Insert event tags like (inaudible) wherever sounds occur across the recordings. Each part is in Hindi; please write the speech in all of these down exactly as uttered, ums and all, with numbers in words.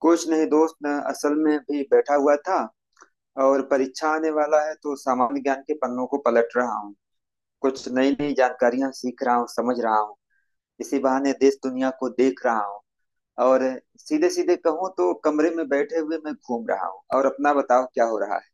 कुछ नहीं दोस्त न, असल में भी बैठा हुआ था। और परीक्षा आने वाला है तो सामान्य ज्ञान के पन्नों को पलट रहा हूँ। कुछ नई नई जानकारियां सीख रहा हूँ, समझ रहा हूँ। इसी बहाने देश दुनिया को देख रहा हूँ। और सीधे सीधे कहूँ तो कमरे में बैठे हुए मैं घूम रहा हूँ। और अपना बताओ क्या हो रहा है।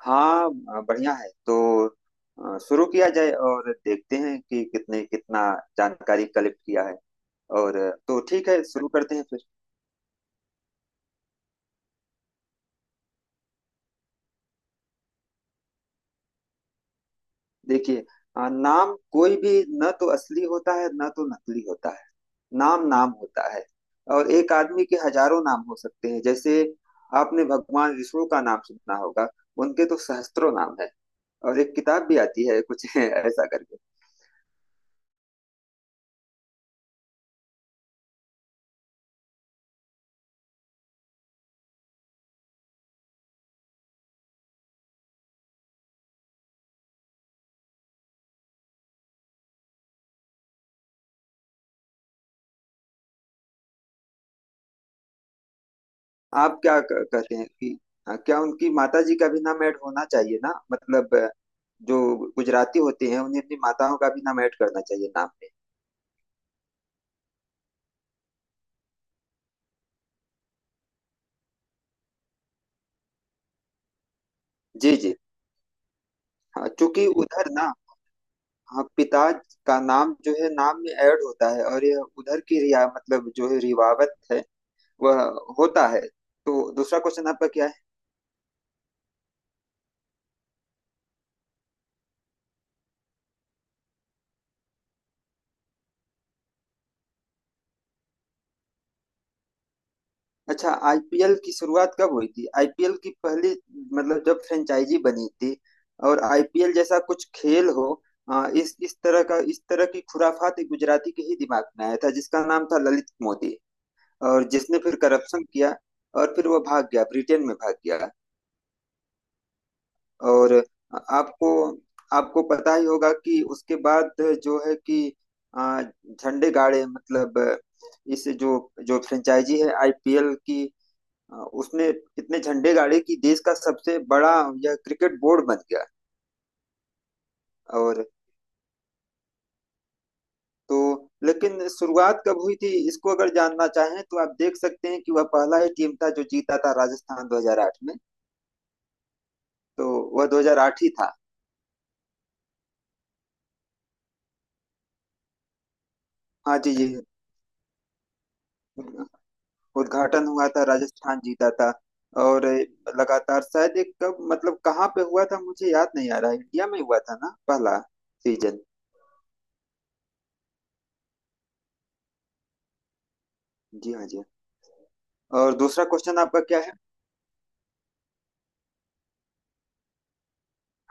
हाँ, बढ़िया है। तो अ, शुरू किया जाए और देखते हैं कि कितने कितना जानकारी कलेक्ट किया है। और अ, तो ठीक है, शुरू करते हैं फिर। देखिए, अ, नाम कोई भी न तो असली होता है न तो नकली होता है। नाम नाम होता है। और एक आदमी के हजारों नाम हो सकते हैं। जैसे आपने भगवान विष्णु का नाम सुना होगा। उनके तो सहस्त्रों नाम है। और एक किताब भी आती है कुछ (laughs) ऐसा करके। आप क्या क- कहते हैं कि अ, क्या उनकी माता जी का भी नाम ऐड होना चाहिए ना। मतलब अ, जो गुजराती होते हैं उन्हें अपनी माताओं का भी नाम ऐड करना चाहिए नाम में। जी जी। हाँ, चूंकि उधर ना, हाँ पिता का नाम जो है नाम में ऐड होता है। और यह उधर की रिया मतलब जो है रिवावत है, वह होता है। तो दूसरा क्वेश्चन आपका क्या है। अच्छा, आईपीएल की शुरुआत कब हुई थी। आईपीएल की पहली, मतलब जब फ्रेंचाइजी बनी थी और आईपीएल जैसा कुछ खेल हो, आ, इस इस तरह का, इस तरह की खुराफात एक गुजराती के ही दिमाग में आया था, जिसका नाम था ललित मोदी। और जिसने फिर करप्शन किया और फिर वो भाग गया, ब्रिटेन में भाग गया। और आपको आपको पता ही होगा कि उसके बाद जो है कि आ, झंडे गाड़े। मतलब इस जो जो फ्रेंचाइजी है आईपीएल की, आ, उसने इतने झंडे गाड़े कि देश का सबसे बड़ा यह क्रिकेट बोर्ड बन गया। और तो लेकिन शुरुआत कब हुई थी, इसको अगर जानना चाहें तो आप देख सकते हैं कि वह पहला ही टीम था जो जीता था, राजस्थान दो हज़ार आठ में। तो वह दो हज़ार आठ ही था। हाँ जी जी, उद्घाटन हुआ था, राजस्थान जीता था। और ए, लगातार शायद एक कब मतलब कहाँ पे हुआ था मुझे याद नहीं आ रहा है। इंडिया में हुआ था ना पहला सीजन। जी हाँ जी हाँ। और दूसरा क्वेश्चन आपका क्या है।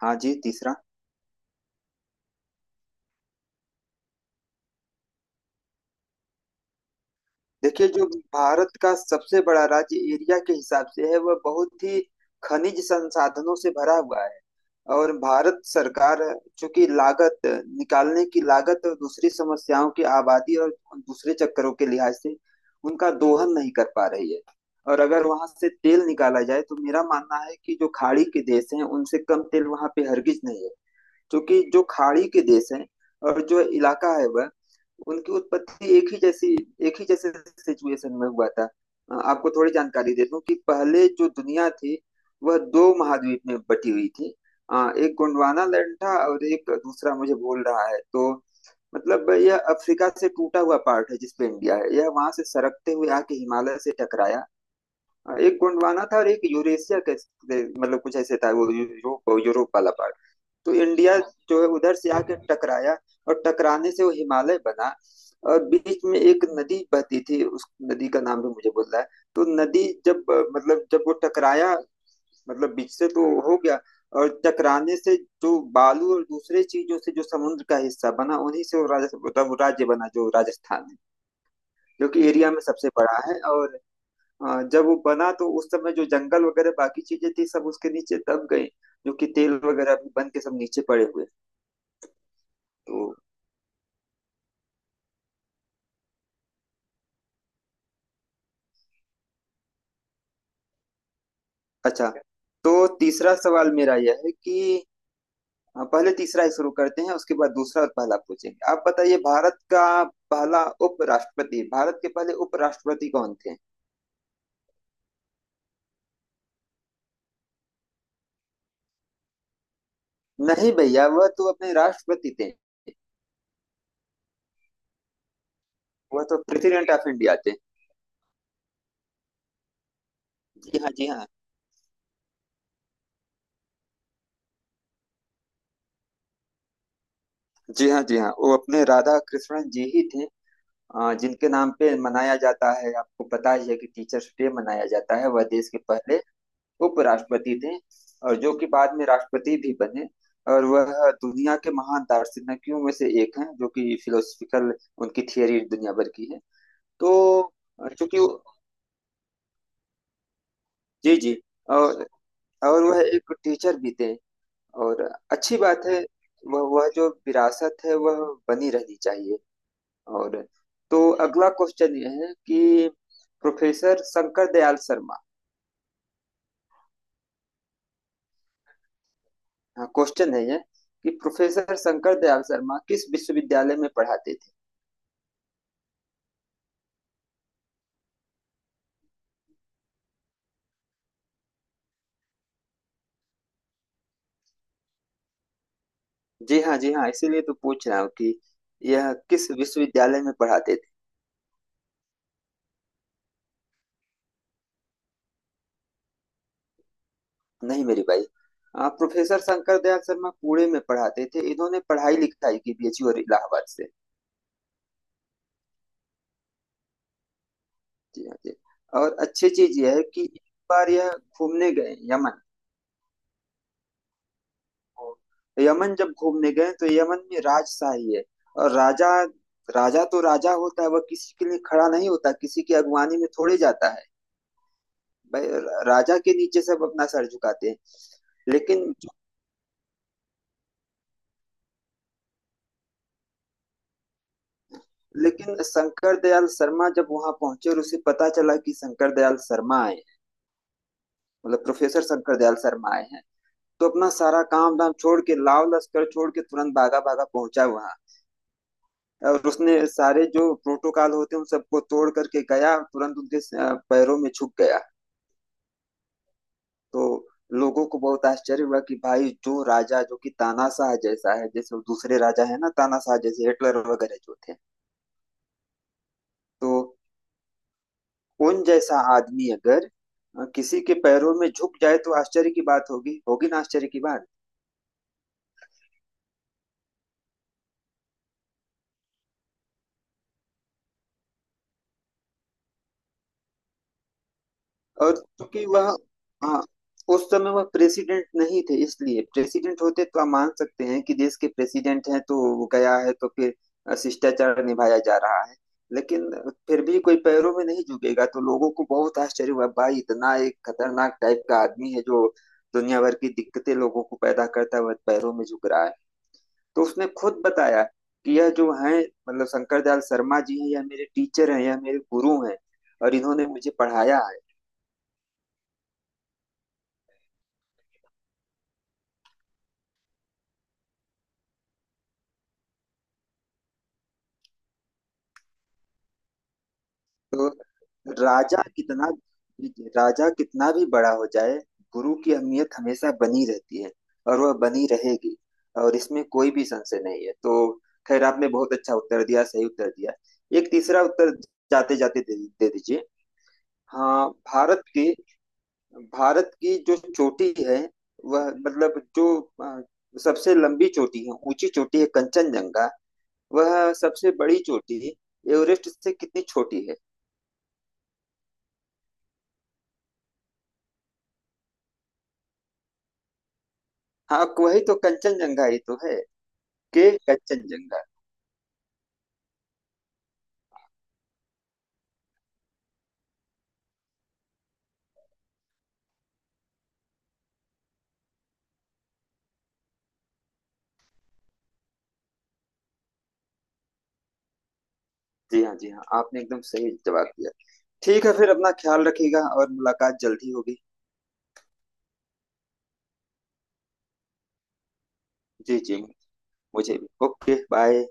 हाँ जी, तीसरा। देखिए, जो भारत का सबसे बड़ा राज्य एरिया के हिसाब से है, वह बहुत ही खनिज संसाधनों से भरा हुआ है। और भारत सरकार, चूंकि लागत, निकालने की लागत और दूसरी समस्याओं की, आबादी और दूसरे चक्करों के लिहाज से, उनका दोहन नहीं कर पा रही है। और अगर वहां से तेल निकाला जाए तो मेरा मानना है कि जो खाड़ी के देश हैं, उनसे कम तेल वहां पे हरगिज नहीं है। क्योंकि जो खाड़ी के देश हैं और जो इलाका है, वह, उनकी उत्पत्ति एक ही जैसी, एक ही जैसे सिचुएशन में हुआ था। अ, आपको थोड़ी जानकारी दे दूं कि पहले जो दुनिया थी वह दो महाद्वीप में बटी हुई थी। अ, एक गोंडवाना लैंड था और एक दूसरा मुझे बोल रहा है तो, मतलब यह अफ्रीका से टूटा हुआ पार्ट है जिसपे इंडिया है, यह वहां से सरकते हुए आके हिमालय से टकराया। अ, एक गोंडवाना था और एक यूरेशिया का, मतलब कुछ ऐसे था वो, यूरोप यूरोप वाला पार्ट। तो इंडिया जो है उधर से आके टकराया और टकराने से वो हिमालय बना। और बीच में एक नदी बहती थी, उस नदी का नाम भी मुझे बोल रहा है। तो नदी जब अ, मतलब जब वो टकराया, मतलब बीच से तो हो गया, और टकराने से जो बालू और दूसरे चीजों से जो समुद्र का हिस्सा बना, उन्हीं से वो राजस्थान, मतलब वो राज्य बना जो राजस्थान है, जो कि एरिया में सबसे बड़ा है। और अ, जब वो बना तो उस समय जो जंगल वगैरह बाकी चीजें थी सब उसके नीचे दब गई, जो कि तेल वगैरह भी बन के सब नीचे पड़े हुए। तो अच्छा, तो तीसरा सवाल मेरा यह है कि अ, पहले तीसरा ही शुरू करते हैं, उसके बाद दूसरा और पहला पूछेंगे। आप बताइए, भारत का पहला उपराष्ट्रपति, भारत के पहले उपराष्ट्रपति कौन थे। नहीं भैया, वह तो अपने राष्ट्रपति थे। वह तो प्रेसिडेंट ऑफ इंडिया थे। जी हाँ जी हाँ। जी हाँ जी हाँ, वो अपने राधा कृष्णन जी ही थे। अ, जिनके नाम पे मनाया जाता है, आपको पता ही है कि टीचर्स डे मनाया जाता है, वह देश के पहले उपराष्ट्रपति थे। और जो कि बाद में राष्ट्रपति भी बने। और वह दुनिया के महान दार्शनिकों में से एक हैं, जो कि फिलोसफिकल, उनकी थियरी दुनिया भर की है। तो चूंकि वो- जी जी। और और वह एक टीचर भी थे। और अच्छी बात है, वह वह जो विरासत है वह बनी रहनी चाहिए। और तो अगला क्वेश्चन यह है कि, प्रोफेसर शंकर दयाल शर्मा, हाँ क्वेश्चन है यह कि प्रोफेसर शंकर दयाल शर्मा किस विश्वविद्यालय में पढ़ाते। जी हाँ जी हाँ, इसीलिए तो पूछ रहा हूँ कि यह किस विश्वविद्यालय में पढ़ाते थे। नहीं मेरी भाई, आ, प्रोफेसर शंकर दयाल शर्मा पुणे में पढ़ाते थे। इन्होंने पढ़ाई लिखाई की बीएचयू और इलाहाबाद से। जी हाँ जी। और अच्छी चीज यह है कि एक बार यह घूमने गए यमन। यमन जब घूमने गए तो यमन में राजशाही है। और राजा, राजा तो राजा होता है, वह किसी के लिए खड़ा नहीं होता, किसी की अगुवानी में थोड़े जाता है भाई। राजा के नीचे सब अपना सर झुकाते हैं। लेकिन, लेकिन शंकर दयाल शर्मा जब वहां पहुंचे और उसे पता चला कि शंकर दयाल शर्मा आए हैं, मतलब प्रोफेसर शंकर दयाल शर्मा आए हैं, तो अपना सारा काम धाम छोड़ के, लाव लश्कर छोड़ के, तुरंत भागा भागा पहुंचा वहां। और उसने सारे जो प्रोटोकॉल होते हैं उन सबको तोड़ करके गया, और तुरंत उनके अ, पैरों में छुप गया। तो लोगों को बहुत आश्चर्य हुआ कि भाई, जो राजा, जो कि तानाशाह जैसा है, जैसे वो दूसरे राजा है ना तानाशाह, जैसे हिटलर वगैरह जो थे, तो उन जैसा आदमी अगर अ, किसी के पैरों में झुक जाए तो आश्चर्य की बात होगी, होगी ना आश्चर्य की बात। और चूंकि वह, हाँ, उस समय वह प्रेसिडेंट नहीं थे। इसलिए प्रेसिडेंट होते तो आप मान सकते हैं कि देश के प्रेसिडेंट हैं तो वो गया है तो फिर अ, शिष्टाचार निभाया जा रहा है। लेकिन फिर भी कोई पैरों में नहीं झुकेगा, तो लोगों को बहुत आश्चर्य हुआ भाई, इतना एक खतरनाक टाइप का आदमी है जो दुनिया भर की दिक्कतें लोगों को पैदा करता है, वह पैरों में झुक रहा है। तो उसने खुद बताया कि यह जो हैं, मतलब शंकर दयाल शर्मा जी हैं, यह मेरे टीचर हैं, यह मेरे गुरु हैं, और इन्होंने मुझे पढ़ाया है। तो राजा कितना, राजा कितना भी बड़ा हो जाए, गुरु की अहमियत हमेशा बनी रहती है, और वह बनी रहेगी, और इसमें कोई भी संशय नहीं है। तो खैर, आपने बहुत अच्छा उत्तर दिया, सही उत्तर दिया। एक तीसरा उत्तर जाते जाते दे, दे दीजिए। हाँ, भारत के, भारत की जो चोटी है वह, मतलब जो अ, सबसे लंबी चोटी है, ऊंची चोटी है, कंचनजंगा, वह सबसे बड़ी चोटी एवरेस्ट से कितनी छोटी है। हाँ वही तो कंचनजंगा ही तो है। के कंचनजंगा। जी हाँ जी हाँ, आपने एकदम सही जवाब दिया। ठीक है फिर, अपना ख्याल रखिएगा और मुलाकात जल्दी होगी। जी जी, मुझे भी। Okay bye.